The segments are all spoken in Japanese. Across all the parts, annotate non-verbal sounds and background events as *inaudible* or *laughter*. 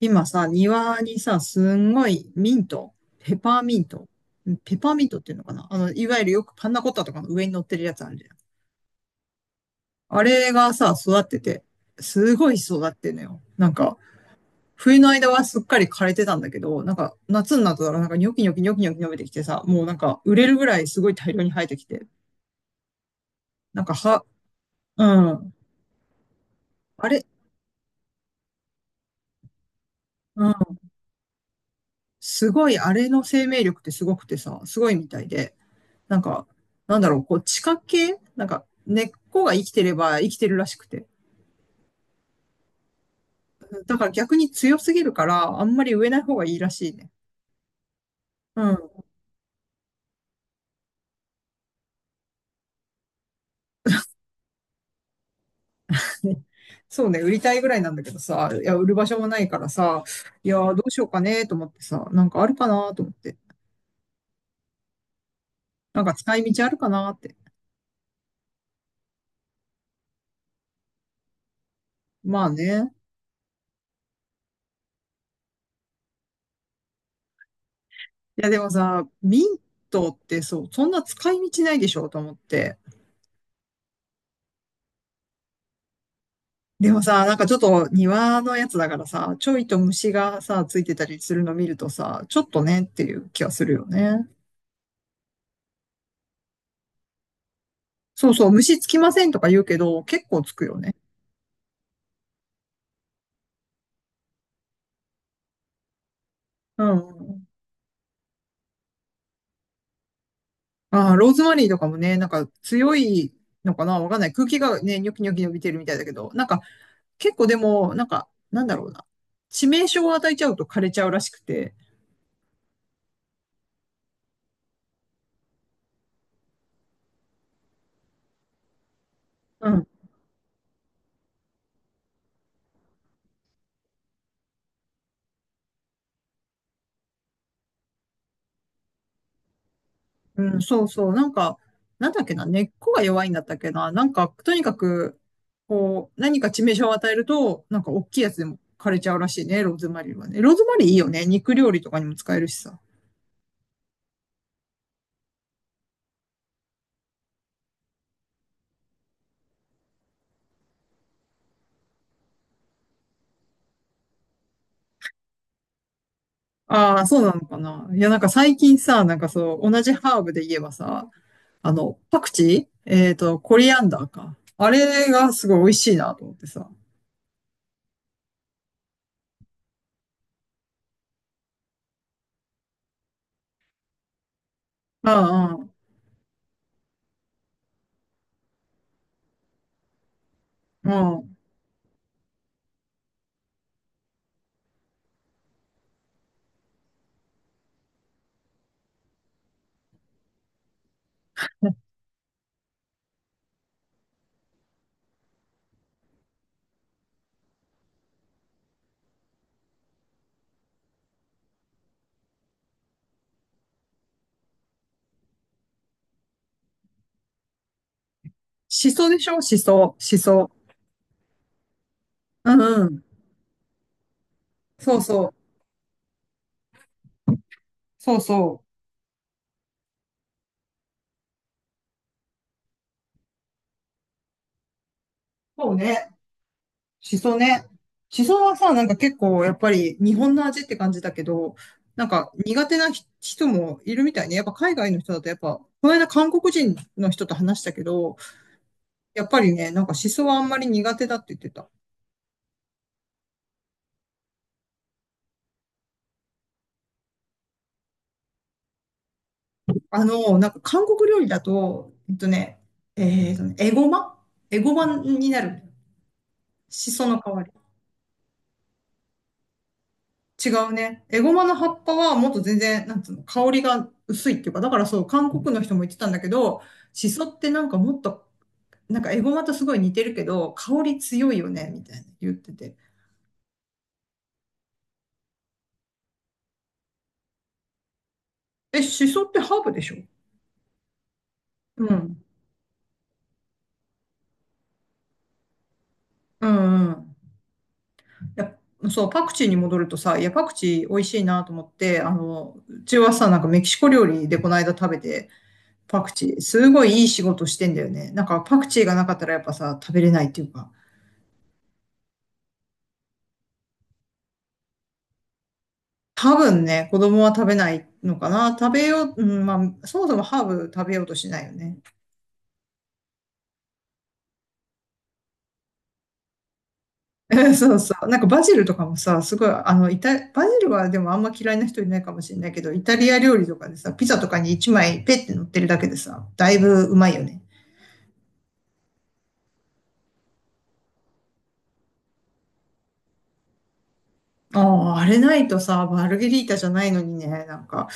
今さ、庭にさ、すんごいミント、ペパーミント、ペパーミントっていうのかないわゆるよくパンナコッタとかの上に乗ってるやつあるじゃん。あれがさ、育ってて、すごい育ってんのよ。冬の間はすっかり枯れてたんだけど、夏になったらなんかニョキニョキニョキニョキ伸びてきてさ、もう売れるぐらいすごい大量に生えてきて、なんか、は、うん、あれ、うん、すごい、あれの生命力ってすごくてさ、すごいみたいで、なんか、地下系根っこが生きてれば生きてるらしくて。だから逆に強すぎるから、あんまり植えない方がいいらしいね。うん。*laughs* そうね、売りたいぐらいなんだけどさ、いや、売る場所もないからさ、いやー、どうしようかね、と思ってさ、なんかあるかな、と思って。なんか使い道あるかな、って。まあね。いや、でもさ、ミントって、そう、そんな使い道ないでしょ、と思って。でもさ、なんかちょっと庭のやつだからさ、ちょいと虫がさ、ついてたりするの見るとさ、ちょっとねっていう気がするよね。そうそう、虫つきませんとか言うけど、結構つくよね。うんうん。ああ、ローズマリーとかもね、なんか強いのかなわかんない。空気がね、ニョキニョキ伸びてるみたいだけど、なんか結構でも、なんだろうな。致命傷を与えちゃうと枯れちゃうらしくて。うん、そうそう。なんか、なんだっけな、根っこが弱いんだったっけな。なんか、とにかく、こう、何か致命傷を与えると、なんか大きいやつでも枯れちゃうらしいね、ローズマリーはね。ローズマリーいいよね。肉料理とかにも使えるしさ。ああ、そうなのかな。いや、なんか最近さ、なんかそう、同じハーブで言えばさ、パクチー、コリアンダーか。あれがすごい美味しいなと思ってさ。うんうん。うん。シソでしょシソ、シソ。うんうん。そうそう。そうそう。そうね。しそね。しそはさ、なんか結構やっぱり日本の味って感じだけど、なんか苦手な人もいるみたいね。やっぱ海外の人だとやっぱ、この間韓国人の人と話したけど、やっぱりね、なんかしそはあんまり苦手だって言ってた。なんか韓国料理だと、えっとね、えーとね、エゴマになる。しその代わり。違うね。エゴマの葉っぱはもっと全然、なんつうの、香りが薄いっていうか、だからそう、韓国の人も言ってたんだけど、しそってなんかもっとなんかエゴマとすごい似てるけど、香り強いよね、みたいな言ってて。え、シソってハーブでしょ？うん。うんうん。いや、そう、パクチーに戻るとさ、いや、パクチー美味しいなと思って、うちはさ、なんかメキシコ料理でこの間食べて、パクチー、すごいいい仕事してんだよね。なんかパクチーがなかったらやっぱさ、食べれないっていうか、多分ね、子供は食べないのかな。食べよう、うん、まあ、そもそもハーブ食べようとしないよね。*laughs* うんそうそう。なんかバジルとかもさ、すごい、バジルはでもあんま嫌いな人いないかもしれないけど、イタリア料理とかでさ、ピザとかに1枚ペッて乗ってるだけでさ、だいぶうまいよね。ああ、あれないとさ、マルゲリータじゃないのにね、なんか、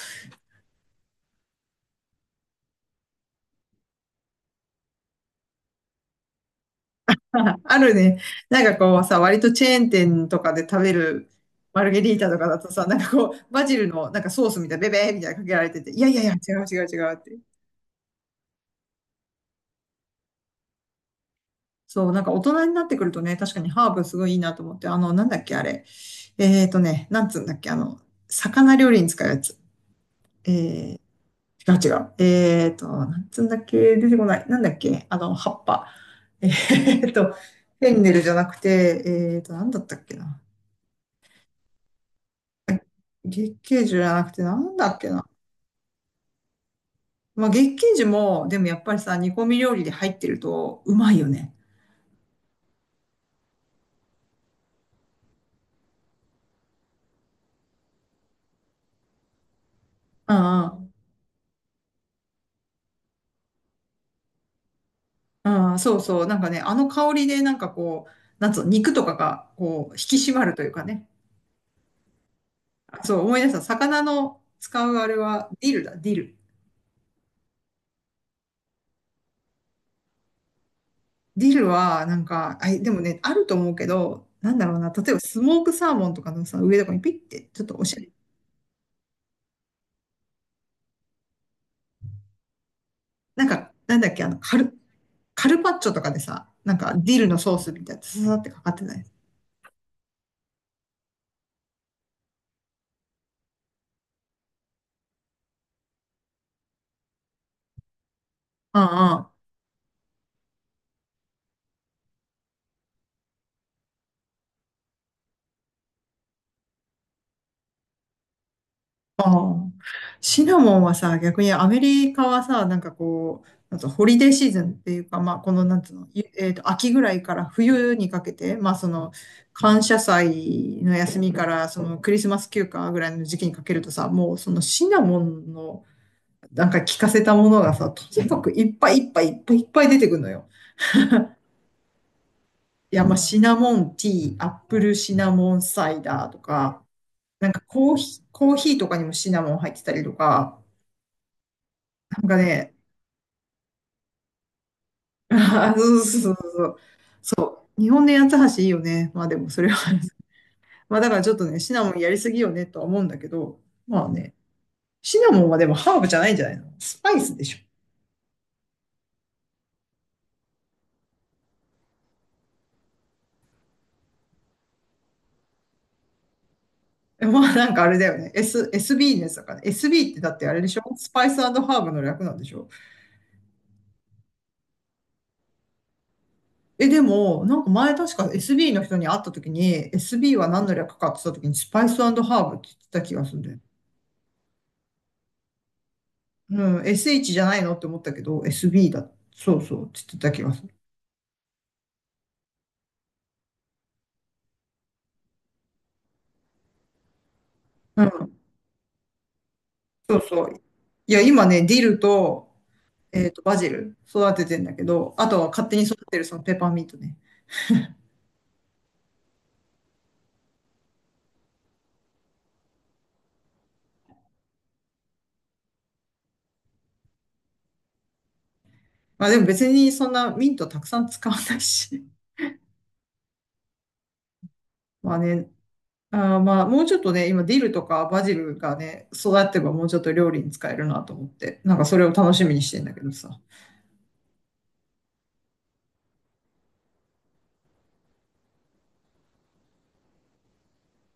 あるね、なんかこうさ、割とチェーン店とかで食べるマルゲリータとかだとさ、なんかこう、バジルのなんかソースみたいな、ベベーみたいなのかけられてて、いやいやいや、違うって。そう、なんか大人になってくるとね、確かにハーブすごいいいなと思って、あの、なんだっけ、あれ。えーとね、なんつうんだっけ、あの、魚料理に使うやつ。え違う違う。えーと、なんつうんだっけ、出てこない。なんだっけ、あの、葉っぱ。フェンネルじゃなくて、えーと、なんだったっけな。月桂樹じゃなくて、なんだっけな。まあ、月桂樹も、でもやっぱりさ、煮込み料理で入ってると、うまいよね。うんうん。ああ、そうそう。なんかね、あの香りで、なんかこう、なんつうの、肉とかが、こう、引き締まるというかね。あそう、思い出した。魚の使うあれは、ディルだ、ディル。ディルは、なんか、あ、でもね、あると思うけど、なんだろうな、例えばスモークサーモンとかのさ、上とかにピッて、ちょっとおしゃれ。なんか、なんだっけ、あの、カル、カルパッチョとかでさ、なんか、ディルのソースみたいな、ささってかかってない。うんうん。ああ、シナモンはさ、逆にアメリカはさ、なんかこう、なんつうのホリデーシーズンっていうか、まあ、この、なんつうの、ゆえっと、秋ぐらいから冬にかけて、まあ、その、感謝祭の休みから、その、クリスマス休暇ぐらいの時期にかけるとさ、もう、そのシナモンの、なんか効かせたものがさ、とにかくいっぱい出てくるのよ。いや、まあ、シナモンティー、アップルシナモンサイダーとか、コーヒーとかにもシナモン入ってたりとか、なんかね、あーそうそうそうそう。日本の八つ橋いいよね。まあでもそれは *laughs* まあだからちょっとね、シナモンやりすぎよねとは思うんだけど、まあね、シナモンはでもハーブじゃないんじゃないの？スパイスでしょ。え、まあなんかあれだよね。SB のやつだから、ね。SB ってだってあれでしょ？スパイスハーブの略なんでしょ？え、でも、なんか前確か SB の人に会った時に、SB は何の略かって言った時に、スパイスハーブって言ってた気がするんだよ。うん、SH じゃないのって思ったけど、SB だ。そうそうって言ってた気がする。そうそう。いや、今ね、ディルと、えっと、バジル育ててんだけど、あとは勝手に育てるそのペーパーミントね。まあでも別にそんなミントたくさん使わないし。*laughs* まあね、あーまあもうちょっとね、今ディルとかバジルがね、育ってばもうちょっと料理に使えるなと思って、なんかそれを楽しみにしてんだけどさ。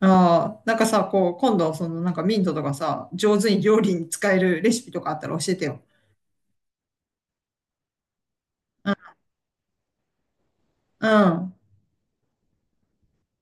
ああ、なんかさ、こう、今度そのなんかミントとかさ、上手に料理に使えるレシピとかあったら教えてよ。うん。うん